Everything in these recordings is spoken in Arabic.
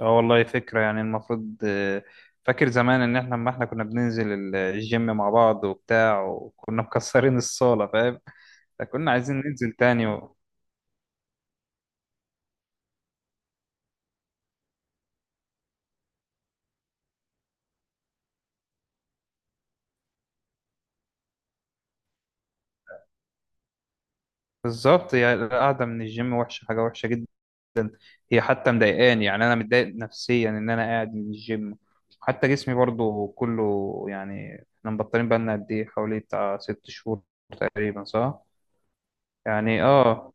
اه والله فكرة، يعني المفروض فاكر زمان ان احنا لما احنا كنا بننزل الجيم مع بعض وبتاع، وكنا مكسرين الصالة، فاهم؟ فكنا عايزين ننزل تاني. بالظبط، يعني القعدة من الجيم وحشة، حاجة وحشة جدا. هي حتى مضايقاني، يعني انا متضايق نفسيا ان انا قاعد من الجيم. حتى جسمي برضو كله، يعني احنا مبطلين بقالنا قد ايه، حوالي بتاع 6 شهور تقريبا، صح؟ يعني اه.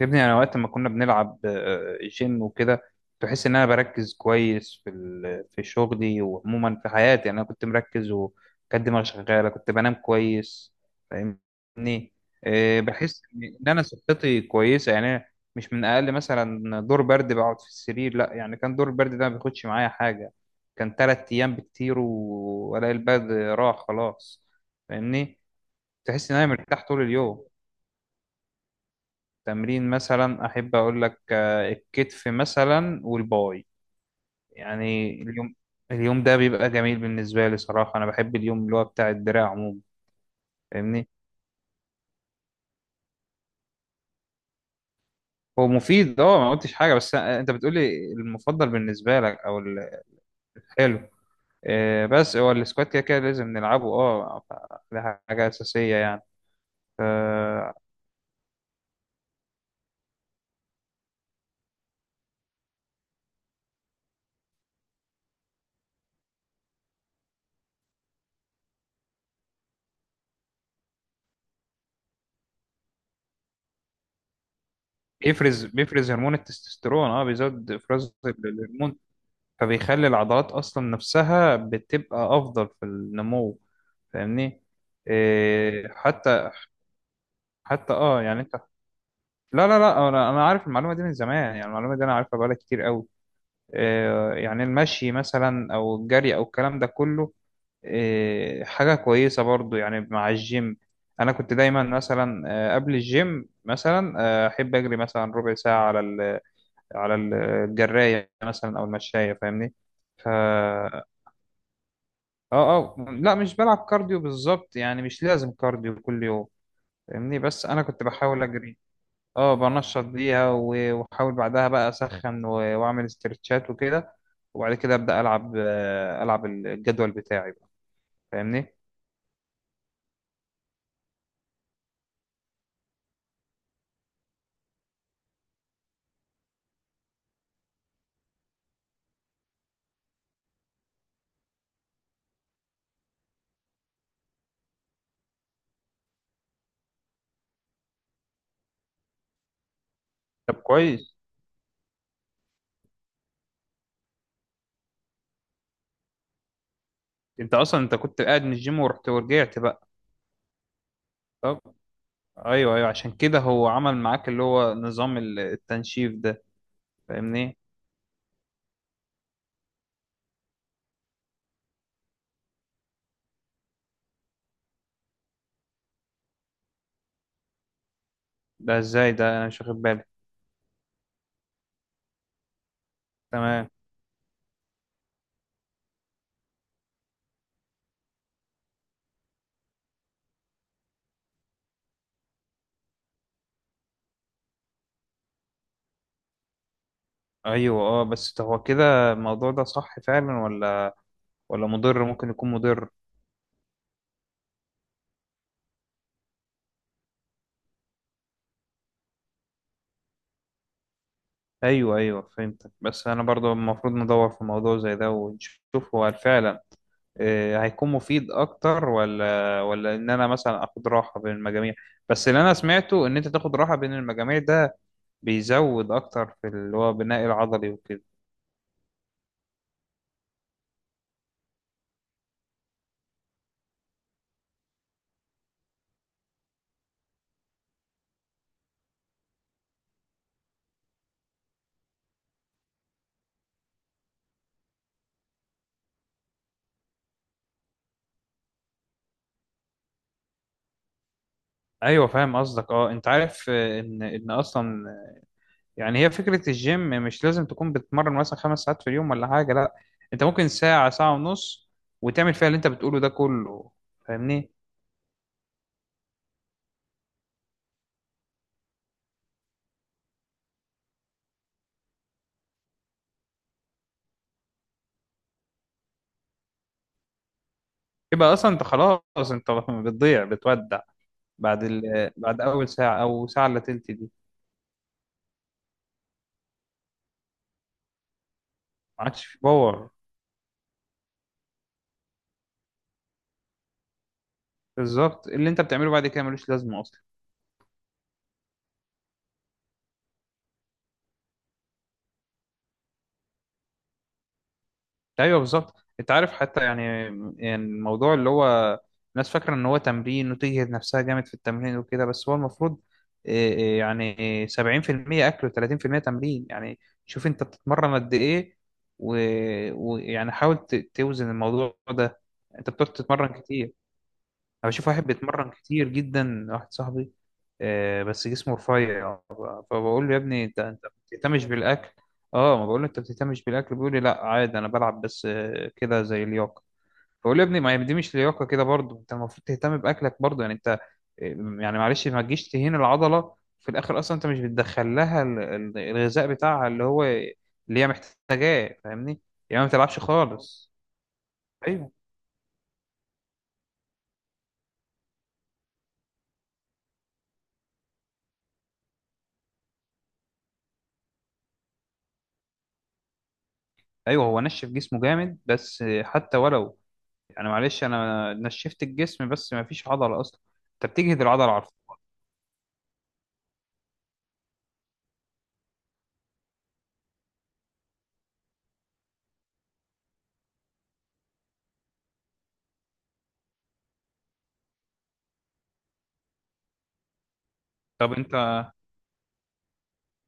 يا ابني انا وقت ما كنا بنلعب جيم وكده، تحس ان انا بركز كويس في في شغلي، وعموما في حياتي، يعني انا كنت مركز، وكانت دماغي شغاله، كنت بنام كويس، فاهمني؟ بحس ان انا صحتي كويسه، يعني أنا مش من اقل مثلا دور برد بقعد في السرير، لا، يعني كان دور البرد ده ما بياخدش معايا حاجه، كان 3 ايام بكتير، والاقي البرد راح خلاص، فاهمني؟ تحس ان انا مرتاح طول اليوم. تمرين مثلا احب اقول لك الكتف مثلا والباي، يعني اليوم، اليوم ده بيبقى جميل بالنسبه لي صراحه. انا بحب اليوم اللي هو بتاع الدراع عموما، فاهمني؟ هو مفيد، اه، ما قلتش حاجه، بس انت بتقولي المفضل بالنسبه لك او الحلو. بس هو السكوات كده كده لازم نلعبه، اه، ده حاجه اساسيه يعني. ف- بيفرز هرمون التستوستيرون، اه بيزود افراز الهرمون، فبيخلي العضلات اصلا نفسها بتبقى افضل في النمو، فاهمني؟ إيه حتى، حتى اه، يعني انت، لا انا، أنا عارف المعلومه دي من زمان، يعني المعلومه دي انا عارفها بقالها كتير قوي. إيه يعني المشي مثلا او الجري او الكلام ده كله، إيه، حاجه كويسه برضو يعني مع الجيم. انا كنت دايما مثلا، قبل الجيم مثلا، احب اجري مثلا ربع ساعه على ال، على الجرايه مثلا او المشايه، فاهمني؟ ف اه اه لا، مش بلعب كارديو بالظبط، يعني مش لازم كارديو كل يوم، فاهمني؟ بس انا كنت بحاول اجري. اه بنشط بيها، واحاول بعدها بقى اسخن واعمل استرتشات وكده، وبعد كده ابدا العب، العب الجدول بتاعي بقى، فاهمني؟ طب كويس. انت اصلا انت كنت قاعد من الجيم ورحت ورجعت بقى. طب، ايوه ايوه، عشان كده هو عمل معاك اللي هو نظام التنشيف ده. فاهمني؟ ده ازاي؟ ده انا مش واخد بالي. تمام. ايوه اه، بس ده هو كده الموضوع ده صح فعلا، ولا مضر؟ ممكن يكون مضر. ايوه ايوه فهمتك، بس انا برضو المفروض ندور في موضوع زي ده ونشوف هو فعلا هيكون مفيد اكتر، ولا ان انا مثلا اخد راحه بين المجاميع. بس اللي انا سمعته ان انت تاخد راحه بين المجاميع ده بيزود اكتر في اللي هو بناء العضلي وكده. ايوه فاهم قصدك، اه، انت عارف ان اصلا، يعني هي فكره الجيم مش لازم تكون بتتمرن مثلا 5 ساعات في اليوم ولا حاجه، لا، انت ممكن ساعه، ساعه ونص، وتعمل فيها اللي انت بتقوله ده كله، فاهمني؟ يبقى اصلا انت خلاص، انت بتضيع، بتودع بعد بعد اول ساعه او ساعه الا تلت دي ما عادش في باور. بالظبط، اللي انت بتعمله بعد كده ملوش لازمه اصلا. ايوه بالظبط، انت عارف حتى، يعني يعني الموضوع اللي هو، الناس فاكره ان هو تمرين، وتجهد نفسها جامد في التمرين وكده، بس هو المفروض إيه إيه يعني، 70% اكل و30% تمرين يعني. شوف انت بتتمرن قد ايه، ويعني ويعني حاول توزن الموضوع ده. انت بتقعد تتمرن كتير. انا بشوف واحد بيتمرن كتير جدا، واحد صاحبي، بس جسمه رفيع، فبقول له يا ابني انت ما بتهتمش بالاكل. اه، ما بقول له انت ما بتهتمش بالاكل، بيقول لي لا عادي، انا بلعب بس كده زي لياقه. بقول له يا ابني ما هي دي مش لياقه كده برضه، انت المفروض تهتم باكلك برضه، يعني انت يعني معلش ما تجيش تهين العضله في الاخر، اصلا انت مش بتدخل لها الغذاء بتاعها اللي هو اللي هي محتاجاه، فاهمني؟ يعني ما بتلعبش خالص. ايوه ايوه، هو نشف جسمه جامد بس حتى ولو، انا معلش، انا نشفت الجسم بس ما فيش عضله اصلا، انت بتجهد العضله، عارف؟ طب انت،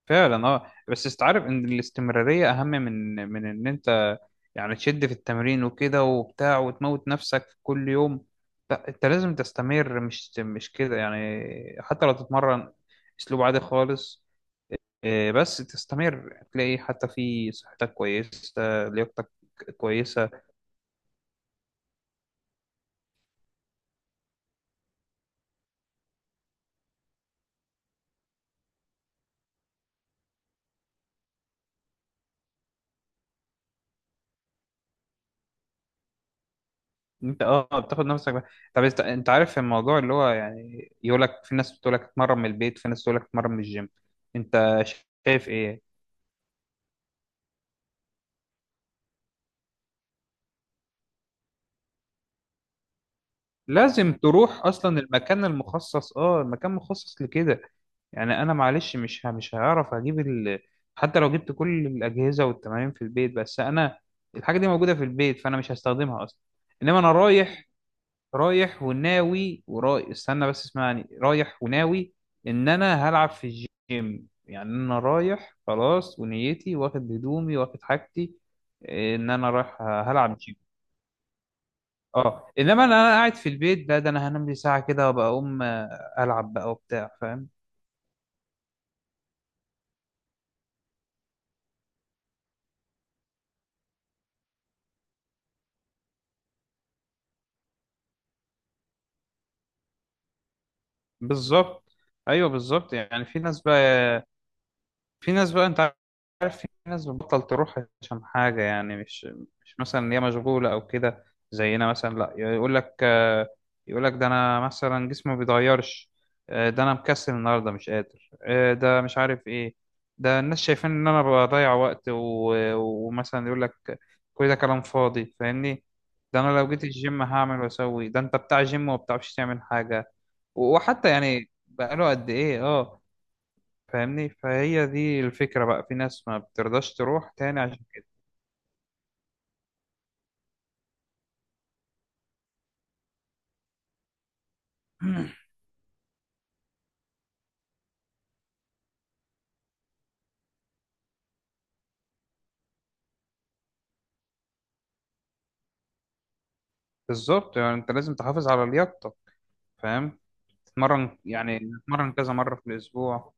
فعلا اه، بس استعرف ان الاستمراريه اهم من ان انت يعني تشد في التمرين وكده وبتاع، وتموت نفسك في كل يوم، لا، انت لازم تستمر، مش كده يعني. حتى لو تتمرن اسلوب عادي خالص، بس تستمر، تلاقي حتى في صحتك كويسه، لياقتك كويسه. انت اه بتاخد نفسك بقى. طب انت، انت عارف الموضوع اللي هو، يعني يقول لك في ناس بتقول لك اتمرن من البيت، في ناس تقول لك اتمرن من الجيم، انت شايف ايه؟ لازم تروح اصلا المكان المخصص، اه المكان مخصص لكده، يعني انا معلش مش مش هعرف اجيب. حتى لو جبت كل الاجهزه والتمارين في البيت، بس انا الحاجه دي موجوده في البيت فانا مش هستخدمها اصلا. انما انا رايح، رايح وناوي وراي، استنى بس اسمعني، رايح وناوي ان انا هلعب في الجيم، يعني انا رايح خلاص ونيتي، واخد هدومي واخد حاجتي ان انا رايح هلعب جيم. اه، انما انا، أنا قاعد في البيت، ده انا هنام لي ساعه كده وابقى اقوم، العب بقى وبتاع، فاهم؟ بالظبط. ايوه بالظبط، يعني في ناس بقى، انت عارف، في ناس بتبطل تروح عشان حاجة، يعني مش مثلا إن هي مشغولة أو كده، زينا مثلا، لا، يقول لك يقول لك ده أنا مثلا جسمي ما بيتغيرش، ده أنا مكسل النهاردة مش قادر، ده مش عارف إيه، ده الناس شايفين إن أنا بضيع وقت ومثلا يقول لك كل ده كلام فاضي، فاهمني؟ ده أنا لو جيت الجيم هعمل وأسوي، ده أنت بتاع جيم وما بتعرفش تعمل حاجة، وحتى يعني بقاله قد إيه، أه. فاهمني؟ فهي دي الفكرة بقى، في ناس ما بترضاش تروح تاني عشان بالظبط، يعني انت لازم تحافظ على لياقتك، فاهم؟ تتمرن، يعني تتمرن كذا مرة في الأسبوع.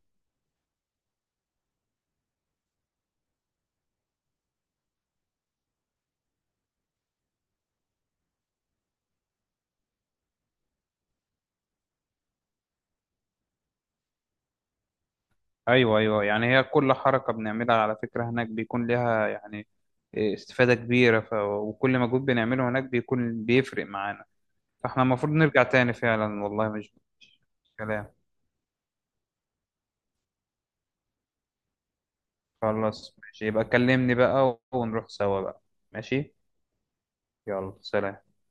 أيوه أيوه، يعني هي كل حركة بنعملها على فكرة هناك بيكون لها يعني استفادة كبيرة، وكل مجهود بنعمله هناك بيكون بيفرق معانا. فاحنا المفروض نرجع تاني فعلا، والله مش كلام. خلاص ماشي، يبقى كلمني بقى ونروح سوا بقى. ماشي، يلا سلام.